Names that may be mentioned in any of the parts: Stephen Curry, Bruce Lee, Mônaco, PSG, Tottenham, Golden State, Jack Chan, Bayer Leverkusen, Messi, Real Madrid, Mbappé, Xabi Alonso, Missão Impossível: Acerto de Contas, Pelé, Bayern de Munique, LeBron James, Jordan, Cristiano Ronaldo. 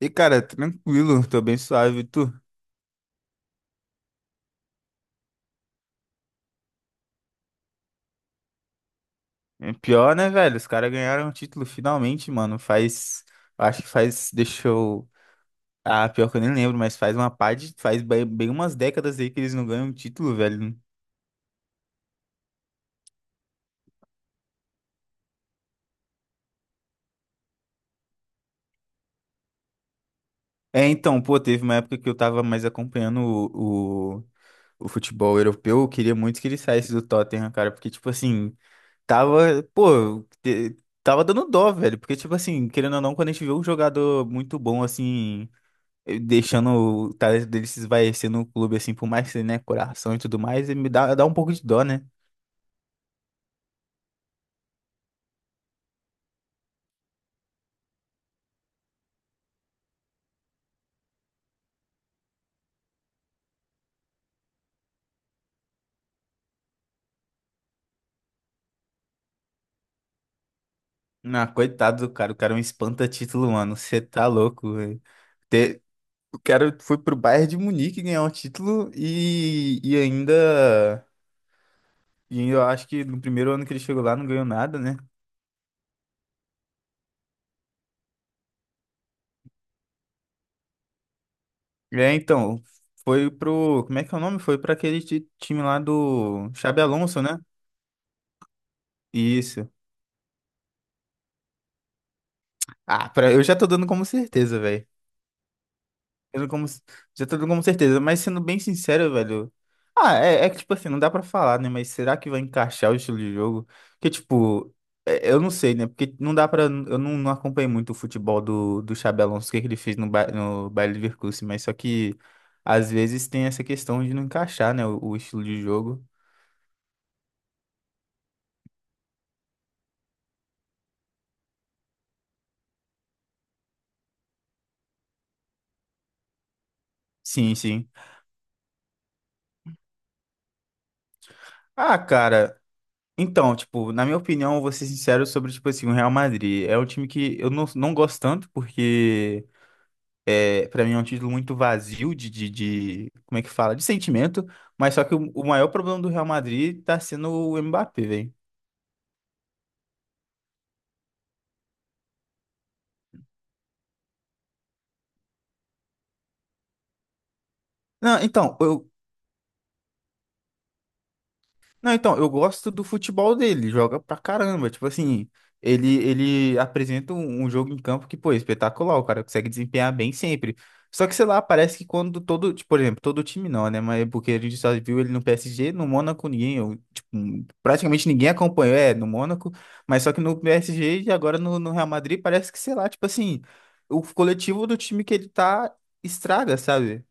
E, cara, tranquilo, tô bem suave. E tu? É pior, né, velho? Os caras ganharam o título finalmente, mano. Faz. Acho que faz. Deixou. Ah, pior que eu nem lembro, mas faz uma pá de. Faz bem, bem umas décadas aí que eles não ganham o título, velho. É, então, pô, teve uma época que eu tava mais acompanhando o futebol europeu. Eu queria muito que ele saísse do Tottenham, cara, porque, tipo assim, tava. Pô, tava dando dó, velho. Porque, tipo assim, querendo ou não, quando a gente vê um jogador muito bom, assim. Deixando o talento dele se esvaecer no clube, assim, por mais que ele, né, coração e tudo mais, e me dá um pouco de dó, né? Ah, coitado do cara, o cara é um espanta-título, mano, você tá louco, velho. Te- O cara foi pro Bayern de Munique ganhar um título e ainda eu acho que no primeiro ano que ele chegou lá não ganhou nada, né? É, então, foi pro, como é que é o nome? Foi pra aquele time lá do Xabi Alonso, né? Isso. Ah, eu já tô dando como certeza, velho. Tendo como, já tô com certeza, mas sendo bem sincero, velho. Ah, é que, tipo assim, não dá pra falar, né? Mas será que vai encaixar o estilo de jogo? Porque, tipo, eu não sei, né? Porque não dá pra. Eu não acompanhei muito o futebol do Xabi Alonso, o que, é que ele fez no, no Bayer Leverkusen, mas só que às vezes tem essa questão de não encaixar, né? O estilo de jogo. Sim, sim. Ah, cara. Então, tipo, na minha opinião, eu vou ser sincero sobre, tipo assim, o Real Madrid. É um time que eu não gosto tanto, porque. É, para mim é um título muito vazio como é que fala? De sentimento, mas só que o maior problema do Real Madrid tá sendo o Mbappé, velho. Não, então, eu, Não, então, eu gosto do futebol dele, joga pra caramba. Tipo assim, ele apresenta um jogo em campo que, pô, é espetacular, o cara consegue desempenhar bem sempre. Só que, sei lá, parece que quando todo, tipo, por exemplo, todo time não, né? Mas porque a gente só viu ele no PSG, no Mônaco ninguém, eu, tipo, praticamente ninguém acompanhou, é, no Mônaco, mas só que no PSG e agora no Real Madrid parece que, sei lá, tipo assim, o coletivo do time que ele tá estraga, sabe?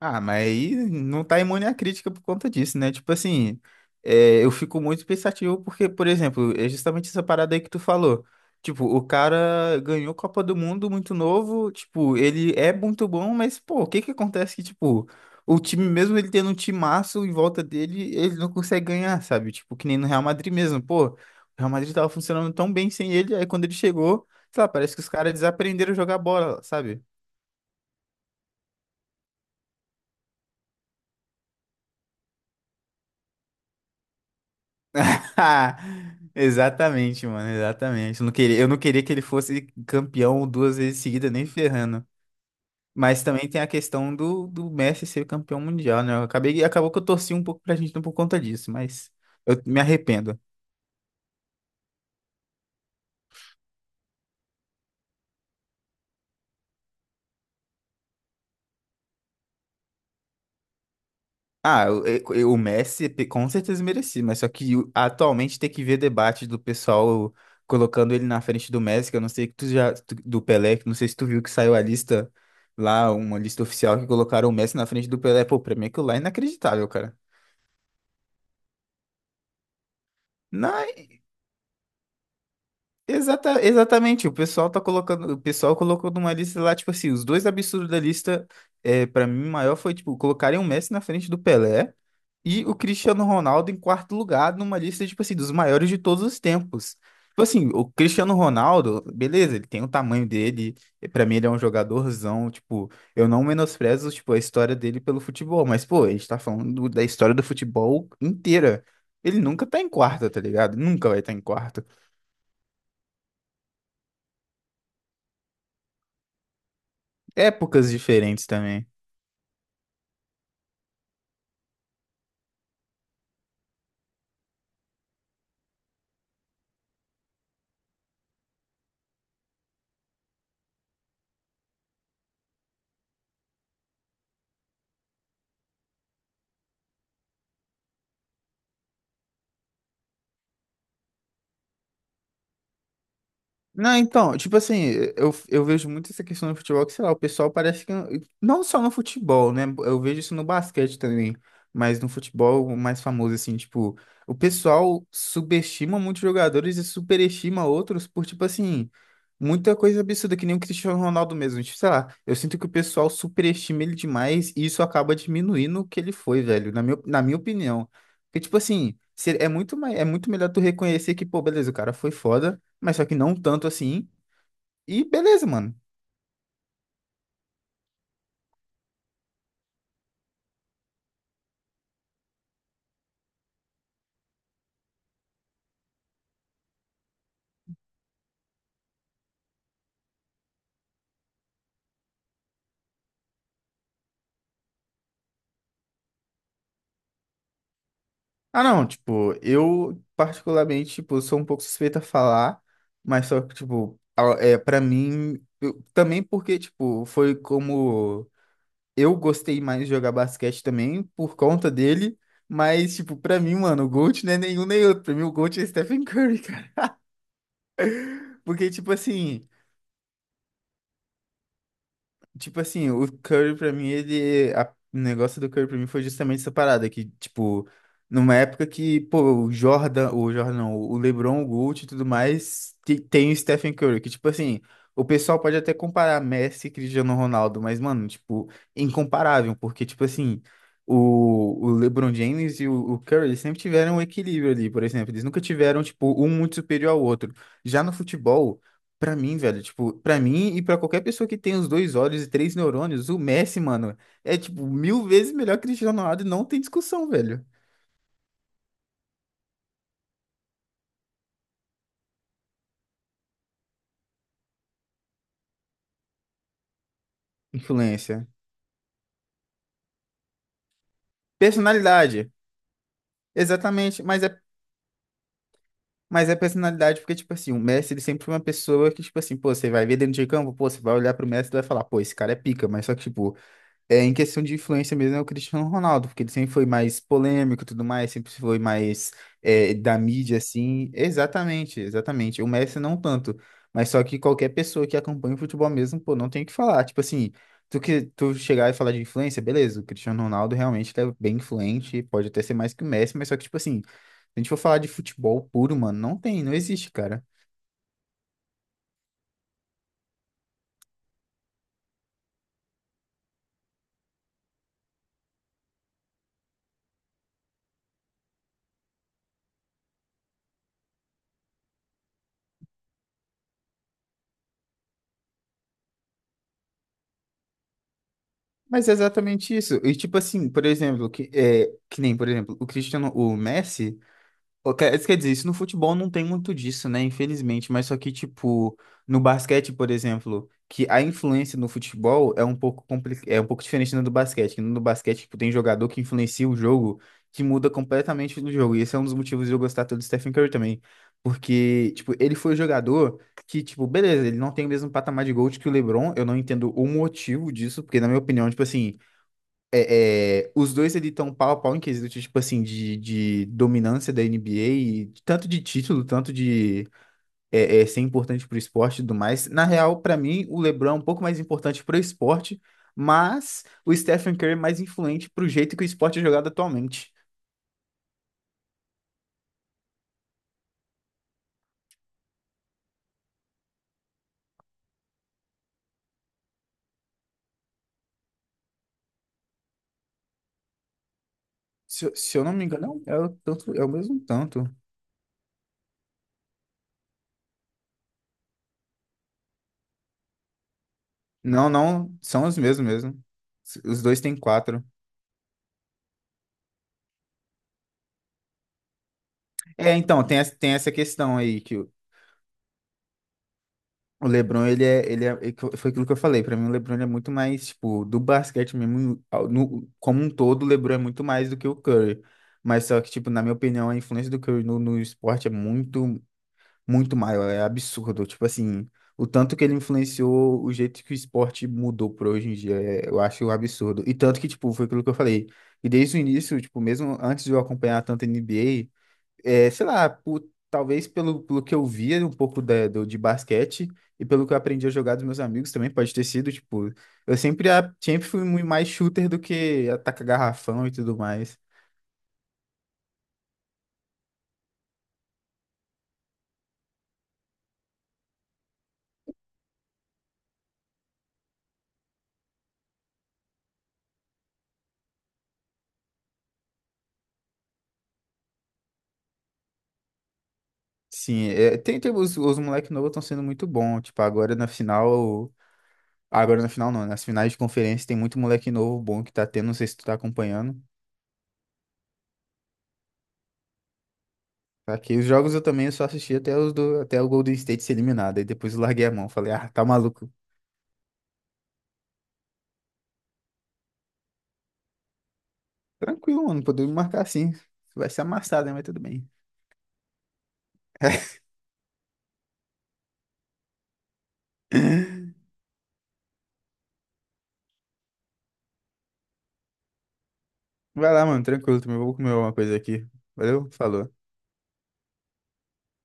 Ah, mas aí não tá imune à crítica por conta disso, né? Tipo assim, é, eu fico muito pensativo porque, por exemplo, é justamente essa parada aí que tu falou. Tipo, o cara ganhou Copa do Mundo muito novo, tipo, ele é muito bom, mas, pô, o que que acontece que, tipo, o time, mesmo ele tendo um timaço em volta dele, ele não consegue ganhar, sabe? Tipo, que nem no Real Madrid mesmo, pô, o Real Madrid tava funcionando tão bem sem ele, aí quando ele chegou, sei lá, parece que os caras desaprenderam a jogar bola, sabe? Exatamente, mano, exatamente. Eu não queria que ele fosse campeão duas vezes seguida, nem ferrando. Mas também tem a questão do Messi ser campeão mundial, né? Acabou que eu torci um pouco pra gente por conta disso, mas eu me arrependo. Ah, o Messi com certeza merecia, mas só que atualmente tem que ver debate do pessoal colocando ele na frente do Messi, que eu não sei que tu já do Pelé, que não sei se tu viu que saiu a lista lá, uma lista oficial que colocaram o Messi na frente do Pelé. Pô, pra mim aquilo lá é inacreditável, cara. Não, exatamente, o pessoal colocou numa lista lá, tipo assim, os dois absurdos da lista, é, para mim, maior foi, tipo, colocarem o Messi na frente do Pelé e o Cristiano Ronaldo em quarto lugar numa lista, tipo assim, dos maiores de todos os tempos. Tipo assim, o Cristiano Ronaldo, beleza, ele tem o tamanho dele, e pra mim ele é um jogadorzão, tipo, eu não menosprezo, tipo, a história dele pelo futebol, mas, pô, a gente tá falando da história do futebol inteira. Ele nunca tá em quarto, tá ligado? Nunca vai estar em quarto. Épocas diferentes também. Não, então, tipo assim, eu vejo muito essa questão no futebol, que sei lá, o pessoal parece que. Não só no futebol, né? Eu vejo isso no basquete também, mas no futebol o mais famoso, assim, tipo, o pessoal subestima muitos jogadores e superestima outros por, tipo assim, muita coisa absurda, que nem o Cristiano Ronaldo mesmo. Tipo, sei lá, eu sinto que o pessoal superestima ele demais e isso acaba diminuindo o que ele foi, velho, na minha opinião. Porque, tipo assim, é muito melhor tu reconhecer que, pô, beleza, o cara foi foda mas só que não tanto assim. E beleza, mano. Ah, não, tipo, eu particularmente, tipo, sou um pouco suspeito a falar, mas só que, tipo, é, pra mim, também porque, tipo, foi como eu gostei mais de jogar basquete também, por conta dele, mas, tipo, pra mim, mano, o GOAT não é nenhum nem outro, pra mim o GOAT é Stephen Curry, cara. Porque, tipo assim, o Curry pra mim, ele. O negócio do Curry pra mim foi justamente essa parada, que, tipo, numa época que, pô, o Jordan, não, o LeBron, o Gold e tudo mais, tem o Stephen Curry, que, tipo assim, o pessoal pode até comparar Messi e Cristiano Ronaldo, mas, mano, tipo, incomparável, porque, tipo assim, o LeBron James e o Curry eles sempre tiveram um equilíbrio ali, por exemplo, eles nunca tiveram, tipo, um muito superior ao outro. Já no futebol. Pra mim, velho, tipo, pra mim e pra qualquer pessoa que tem os dois olhos e três neurônios, o Messi, mano, é tipo mil vezes melhor que o Cristiano Ronaldo e não tem discussão, velho. Influência. Personalidade. Exatamente, mas é personalidade porque, tipo assim, o Messi, ele sempre foi uma pessoa que, tipo assim, pô, você vai ver dentro de campo, pô, você vai olhar pro Messi e vai falar, pô, esse cara é pica, mas só que, tipo, É, em questão de influência mesmo é o Cristiano Ronaldo, porque ele sempre foi mais polêmico e tudo mais, sempre foi mais é, da mídia, assim. Exatamente, exatamente. O Messi não tanto, mas só que qualquer pessoa que acompanha o futebol mesmo, pô, não tem o que falar. Tipo assim, tu que tu chegar e falar de influência, beleza, o Cristiano Ronaldo realmente ele é bem influente, pode até ser mais que o Messi, mas só que, tipo assim, se a gente for falar de futebol puro, mano, não tem, não existe, cara. Mas é exatamente isso. E tipo assim, por exemplo, que, é, que nem, por exemplo, o Cristiano, o Messi. Pô, Isso quer dizer, isso no futebol não tem muito disso, né? Infelizmente, mas só que, tipo, no basquete, por exemplo, que a influência no futebol é um pouco é um pouco diferente da do basquete, que no basquete, tipo, tem jogador que influencia o jogo, que muda completamente o jogo. E esse é um dos motivos de eu gostar tanto do Stephen Curry também, porque, tipo, ele foi o jogador que, tipo, beleza, ele não tem o mesmo patamar de GOAT que o LeBron, eu não entendo o motivo disso, porque na minha opinião, tipo assim, os dois ali estão pau a pau em quesito, tipo assim, de dominância da NBA, e tanto de título, tanto de ser importante pro esporte e tudo mais. Na real, pra mim, o LeBron é um pouco mais importante pro esporte, mas o Stephen Curry é mais influente pro jeito que o esporte é jogado atualmente. Se eu não me engano, é é o mesmo tanto. Não, não, são os mesmos mesmo. Os dois têm quatro. É, então, tem essa questão aí, que O LeBron, é que foi aquilo que eu falei, pra mim o LeBron ele é muito mais, tipo, do basquete mesmo, como um todo, o LeBron é muito mais do que o Curry. Mas só que, tipo, na minha opinião, a influência do Curry no esporte é muito, muito maior, é absurdo. Tipo assim, o tanto que ele influenciou, o jeito que o esporte mudou pra hoje em dia, eu acho um absurdo. E tanto que, tipo, foi aquilo que eu falei, e desde o início, tipo, mesmo antes de eu acompanhar tanto a NBA, é, sei lá, talvez pelo que eu via um pouco do, de basquete e pelo que eu aprendi a jogar dos meus amigos também, pode ter sido, tipo, eu sempre, sempre fui muito mais shooter do que atacar garrafão e tudo mais. Sim, é, tem os moleques novos estão sendo muito bons, tipo, agora na final não, nas finais de conferência tem muito moleque novo bom que tá tendo, não sei se tu tá acompanhando. Aqui, os jogos eu também só assisti até os do, até o Golden State ser eliminado, aí depois eu larguei a mão, falei, ah, tá maluco. Tranquilo, mano. Podemos marcar sim. Vai ser amassado, né? Mas tudo bem. Vai lá, mano. Tranquilo também. Vou comer alguma coisa aqui. Valeu? Falou.